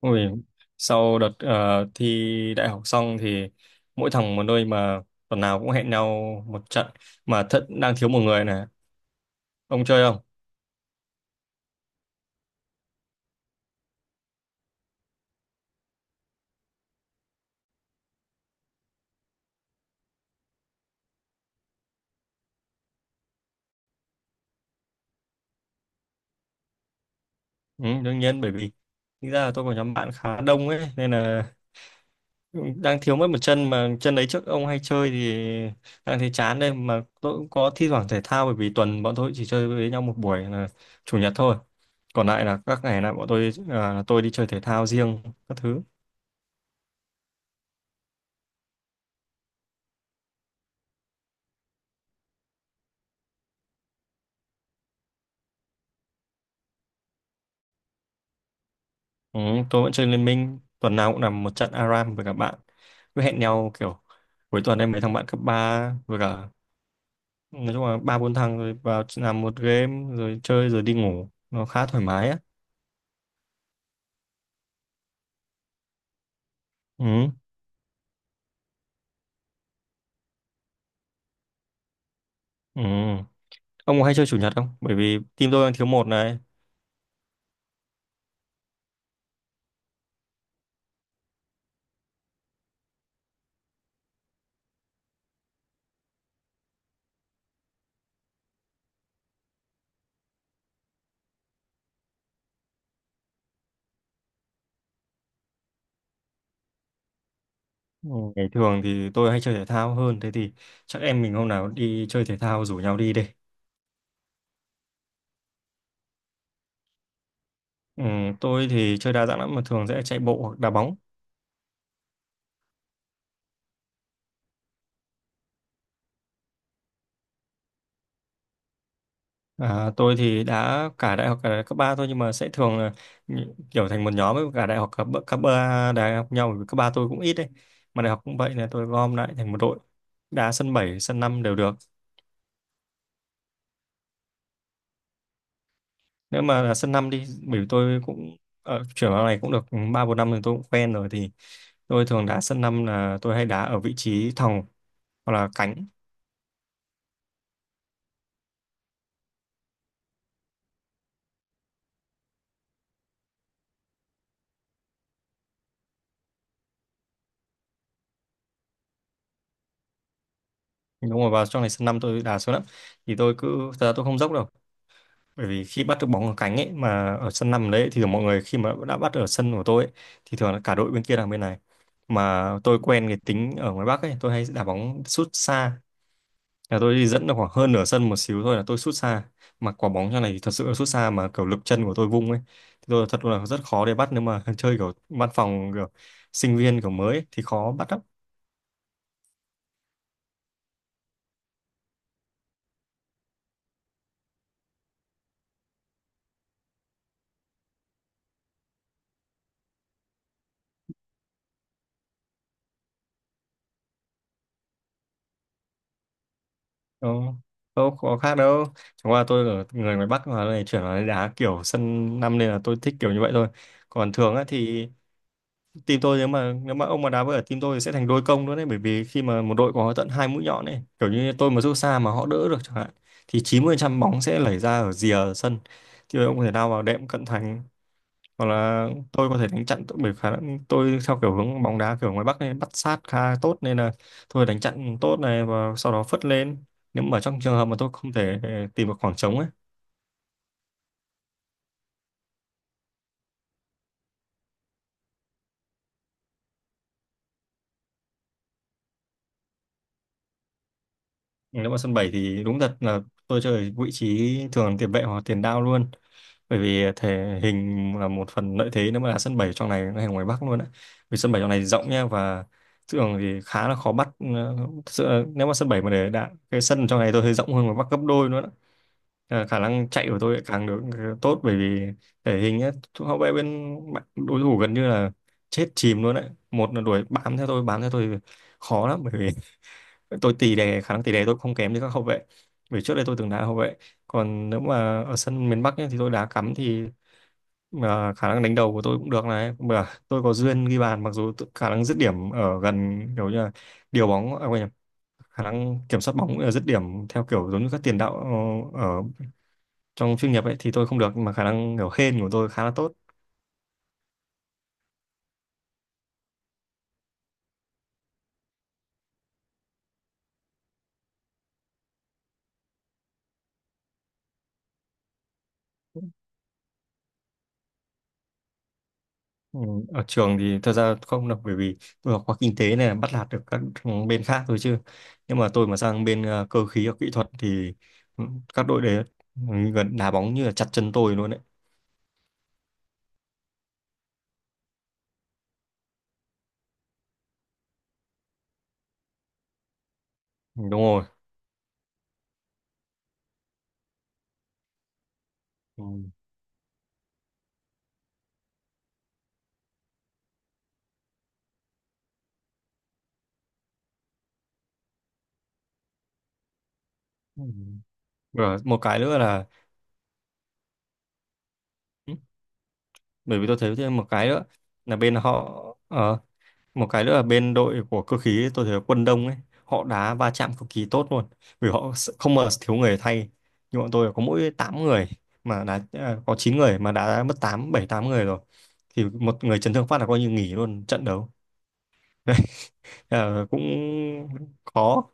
Ui, sau đợt thi đại học xong thì mỗi thằng một nơi mà tuần nào cũng hẹn nhau một trận mà thật đang thiếu một người này. Ông chơi không? Ừ, đương nhiên bởi vì thực ra là tôi có nhóm bạn khá đông ấy nên là đang thiếu mất một chân mà chân đấy trước ông hay chơi thì đang thấy chán đây, mà tôi cũng có thi thoảng thể thao bởi vì tuần bọn tôi chỉ chơi với nhau một buổi là chủ nhật thôi. Còn lại là các ngày là bọn tôi tôi đi chơi thể thao riêng các thứ. Ừ, tôi vẫn chơi Liên Minh tuần nào cũng làm một trận ARAM với các bạn, cứ hẹn nhau kiểu cuối tuần em mấy thằng bạn cấp 3 với cả nói chung là ba bốn thằng rồi vào làm một game rồi chơi rồi đi ngủ, nó khá thoải mái á. Ừ, ừ. Ông có hay chơi chủ nhật không, bởi vì team tôi đang thiếu một này. Ừ, ngày thường thì tôi hay chơi thể thao hơn, thế thì chắc em mình hôm nào đi chơi thể thao rủ nhau đi đi. Ừ, tôi thì chơi đa dạng lắm mà thường sẽ chạy bộ hoặc đá bóng. À, tôi thì đã cả đại học cấp 3 thôi nhưng mà sẽ thường là kiểu thành một nhóm với cả đại học cấp cấp 3 đại học nhau, bởi vì cấp 3 tôi cũng ít đấy mà đại học cũng vậy, là tôi gom lại thành một đội, đá sân 7 sân 5 đều được. Nếu mà là sân 5 đi, bởi vì tôi cũng ở chuyển vào này cũng được 3 4 năm rồi, tôi cũng quen rồi thì tôi thường đá sân năm, là tôi hay đá ở vị trí thòng hoặc là cánh. Đúng rồi vào trong này sân 5 tôi đá xuống lắm, thì tôi cứ, thật ra tôi không dốc đâu. Bởi vì khi bắt được bóng ở cánh ấy mà ở sân năm đấy, thì mọi người khi mà đã bắt ở sân của tôi ấy, thì thường là cả đội bên kia đang bên này, mà tôi quen cái tính ở ngoài Bắc ấy, tôi hay đá bóng sút xa, là tôi đi dẫn được khoảng hơn nửa sân một xíu thôi là tôi sút xa, mà quả bóng trong này thì thật sự là sút xa mà kiểu lực chân của tôi vung ấy thì tôi thật là rất khó để bắt nếu mà chơi kiểu văn phòng, kiểu sinh viên kiểu mới ấy, thì khó bắt lắm. Đâu, đâu có khác đâu, chẳng qua tôi ở người ngoài Bắc mà này chuyển vào đây đá kiểu sân năm nên là tôi thích kiểu như vậy thôi. Còn thường á thì team tôi, nếu mà ông mà đá với ở team tôi thì sẽ thành đôi công nữa đấy, bởi vì khi mà một đội có tận hai mũi nhọn ấy kiểu như tôi mà rút xa mà họ đỡ được chẳng hạn thì 90% bóng sẽ lẩy ra ở rìa sân, thì ông có thể nào vào đệm cận thành, hoặc là tôi có thể đánh chặn tốt, bởi khả năng tôi theo kiểu hướng bóng đá kiểu ngoài Bắc này bắt sát khá tốt nên là tôi đánh chặn tốt này và sau đó phất lên nếu mà trong trường hợp mà tôi không thể tìm được khoảng trống ấy. Nếu mà sân 7 thì đúng thật là tôi chơi ở vị trí thường là tiền vệ hoặc tiền đạo luôn, bởi vì thể hình là một phần lợi thế nếu mà là sân 7 trong này hay là ngoài Bắc luôn á, vì sân 7 trong này rộng nha, và thường thì khá là khó bắt. Ờ, thực sự là nếu mà sân 7 mà để đạn cái sân trong này tôi thấy rộng hơn ngoài Bắc gấp đôi nữa. Ờ, khả năng chạy của tôi lại càng được tốt, bởi vì thể hình ấy, hậu vệ bên đối thủ gần như là chết chìm luôn đấy, một là đuổi bám theo tôi, bám theo tôi khó lắm, bởi vì tôi tì đè, khả năng tì đè tôi không kém như các hậu vệ, bởi trước đây tôi từng đá hậu vệ. Còn nếu mà ở sân miền Bắc ấy, thì tôi đá cắm thì khả năng đánh đầu của tôi cũng được này, mà tôi có duyên ghi bàn, mặc dù khả năng dứt điểm ở gần kiểu như là điều bóng, à quên nhầm, khả năng kiểm soát bóng cũng dứt điểm theo kiểu giống như các tiền đạo ở trong chuyên nghiệp ấy thì tôi không được, nhưng mà khả năng kiểu hên của tôi khá là tốt. Ừ, ở trường thì thật ra không được bởi vì tôi học khoa kinh tế này, bắt nạt được các bên khác thôi chứ, nhưng mà tôi mà sang bên cơ khí hoặc kỹ thuật thì ừ, các đội đấy gần đá bóng như là chặt chân tôi luôn đấy. Ừ, đúng rồi. Ừ. Ừ. Rồi, một cái nữa là ừ, bởi vì tôi thấy thêm một cái nữa là bên họ ờ, một cái nữa là bên đội của cơ khí tôi thấy quân Đông ấy, họ đá va chạm cực kỳ tốt luôn, vì họ không mà thiếu người thay, nhưng bọn tôi có mỗi 8 người mà đá có 9 người mà đã mất 8 7 8 người rồi, thì một người chấn thương phát là coi như nghỉ luôn trận đấu. Đấy, à, cũng khó.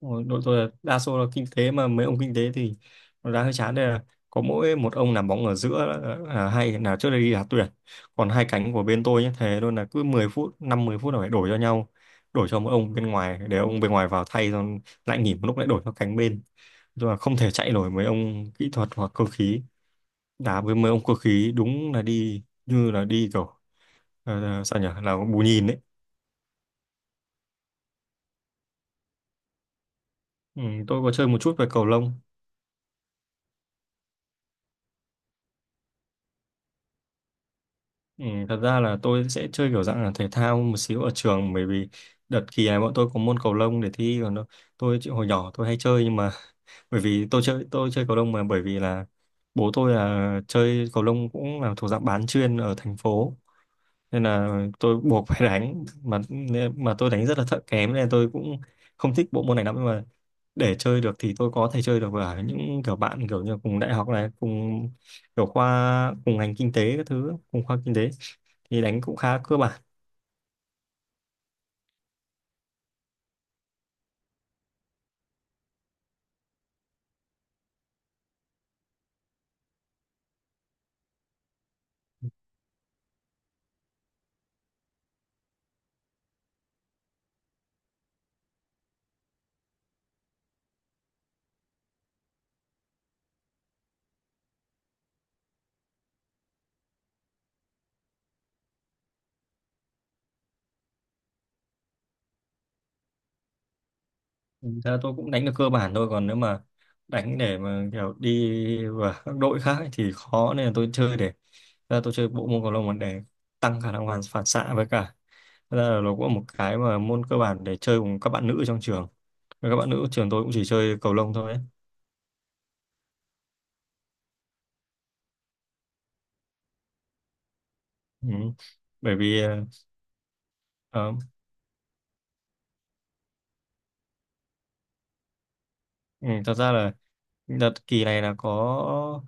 Ôi, đội tôi là đa số là kinh tế, mà mấy ông kinh tế thì nó đã hơi chán đây, là có mỗi một ông làm bóng ở giữa là hay là trước đây đi đá tuyển, còn hai cánh của bên tôi nhé thế luôn là cứ mười phút năm mười phút là phải đổi cho nhau, đổi cho mỗi ông bên ngoài để ông bên ngoài vào thay rồi lại nghỉ một lúc lại đổi cho cánh bên, nhưng mà không thể chạy nổi mấy ông kỹ thuật hoặc cơ khí. Đá với mấy ông cơ khí đúng là đi như là đi kiểu sao nhỉ là bù nhìn đấy. Ừ, tôi có chơi một chút về cầu lông. Ừ, thật ra là tôi sẽ chơi kiểu dạng là thể thao một xíu ở trường, bởi vì đợt kỳ này bọn tôi có môn cầu lông để thi còn nó tôi hồi nhỏ tôi hay chơi nhưng mà bởi vì tôi chơi, tôi chơi cầu lông, mà bởi vì là bố tôi là chơi cầu lông cũng là thuộc dạng bán chuyên ở thành phố nên là tôi buộc phải đánh mà tôi đánh rất là thợ kém nên là tôi cũng không thích bộ môn này lắm, nhưng mà để chơi được thì tôi có thể chơi được với những kiểu bạn kiểu như cùng đại học này, cùng kiểu khoa cùng ngành kinh tế các thứ, cùng khoa kinh tế thì đánh cũng khá cơ bản. Ừ, thế là tôi cũng đánh được cơ bản thôi, còn nếu mà đánh để mà kiểu đi vào các đội khác ấy thì khó, nên là tôi chơi để, thế là tôi chơi bộ môn cầu lông là để tăng khả năng hoàn phản xạ, với cả thế là nó cũng là một cái mà môn cơ bản để chơi cùng các bạn nữ trong trường. Và các bạn nữ trường tôi cũng chỉ chơi cầu lông thôi ấy. Ừ, bởi vì ờ, ừ, thật ra là đợt kỳ này là có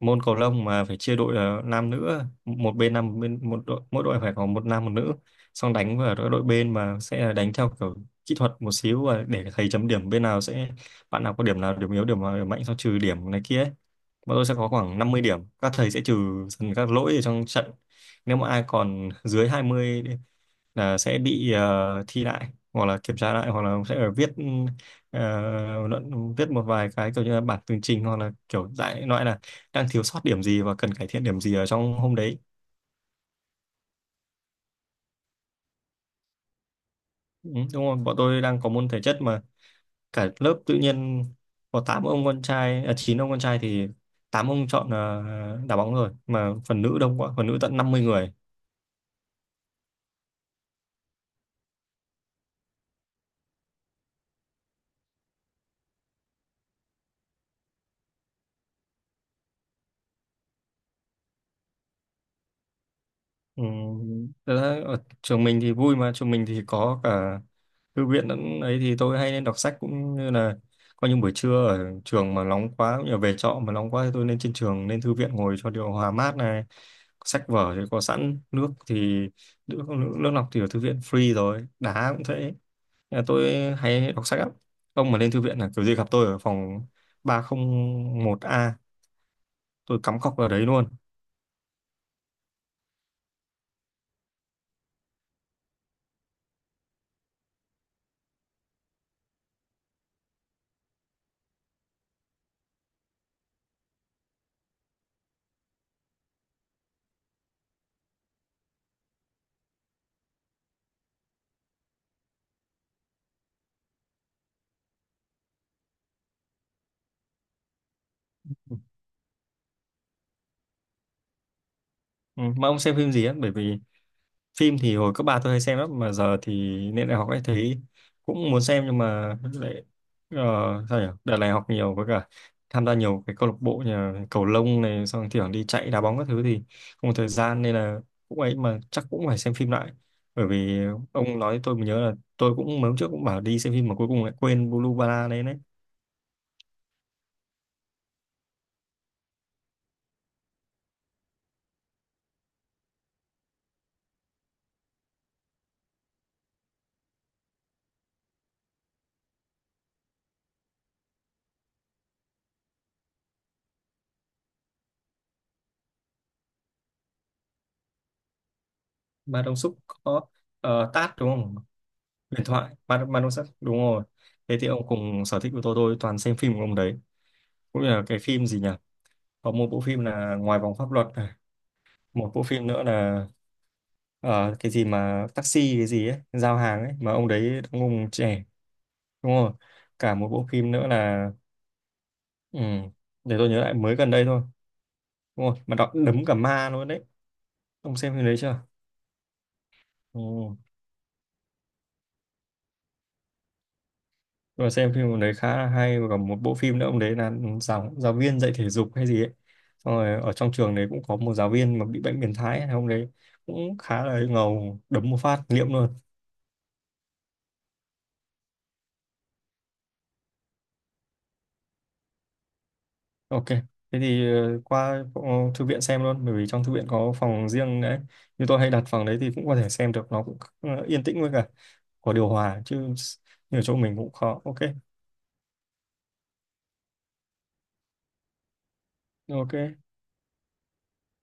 môn cầu lông mà phải chia đội là nam nữ, một bên nam một bên, một đội mỗi đội phải có một nam một nữ, xong đánh vào đội đội bên mà sẽ là đánh theo kiểu kỹ thuật một xíu và để thầy chấm điểm bên nào sẽ, bạn nào có điểm nào điểm yếu điểm nào điểm mạnh xong trừ điểm này kia ấy. Bọn tôi sẽ có khoảng 50 điểm, các thầy sẽ trừ dần các lỗi ở trong trận, nếu mà ai còn dưới 20 là sẽ bị thi lại hoặc là kiểm tra lại hoặc là sẽ ở viết ờ, luận, viết một vài cái kiểu như là bản tường trình hoặc là kiểu đại loại là đang thiếu sót điểm gì và cần cải thiện điểm gì ở trong hôm đấy. Ừ, đúng rồi bọn tôi đang có môn thể chất mà cả lớp tự nhiên có 8 ông con trai 9 ông con trai thì 8 ông chọn đá bóng rồi, mà phần nữ đông quá, phần nữ tận 50 người. Ừ. Thật ra ở trường mình thì vui mà, trường mình thì có cả thư viện lẫn ấy thì tôi hay nên đọc sách, cũng như là có những buổi trưa ở trường mà nóng quá cũng như là về trọ mà nóng quá thì tôi lên trên trường lên thư viện ngồi cho điều hòa mát này, sách vở thì có sẵn, nước thì nước, nước lọc thì ở thư viện free rồi, đá cũng thế. Nên là tôi hay đọc sách lắm, ông mà lên thư viện là kiểu gì gặp tôi ở phòng 301A, tôi cắm cọc vào đấy luôn. Ừ, mà ông xem phim gì á, bởi vì phim thì hồi cấp ba tôi hay xem lắm mà giờ thì lên đại học ấy thấy cũng muốn xem nhưng mà lại ờ, sao nhỉ đợt này học nhiều với cả tham gia nhiều cái câu lạc bộ như là cầu lông này xong kiểu đi chạy đá bóng các thứ thì không có thời gian nên là cũng ấy, mà chắc cũng phải xem phim lại, bởi vì ông nói tôi mới nhớ là tôi cũng mấy hôm trước cũng bảo đi xem phim mà cuối cùng lại quên Blue Banana đấy đấy. Ma Đông Súc, có Tát đúng không, huyền thoại Ma Đông Súc đúng rồi. Thế thì ông cùng sở thích của tôi toàn xem phim của ông đấy, cũng như là cái phim gì nhỉ, có một bộ phim là Ngoài Vòng Pháp Luật này, một bộ phim nữa là cái gì mà taxi cái gì ấy giao hàng ấy mà ông đấy đóng ông trẻ, đúng rồi, cả một bộ phim nữa là ừ, để tôi nhớ lại mới gần đây thôi, đúng rồi mà đọc đấm cả ma luôn đấy. Ông xem phim đấy chưa? Ừ. Tôi xem phim ông đấy khá là hay, và còn một bộ phim nữa ông đấy là giáo giáo viên dạy thể dục hay gì ấy, xong rồi ở trong trường đấy cũng có một giáo viên mà bị bệnh biến thái ấy, ông đấy cũng khá là ngầu, đấm một phát liệm luôn. Ok, thế thì qua phòng thư viện xem luôn, bởi vì trong thư viện có phòng riêng đấy. Như tôi hay đặt phòng đấy thì cũng có thể xem được, nó cũng yên tĩnh với cả có điều hòa chứ như ở chỗ mình cũng khó. Ok, ok.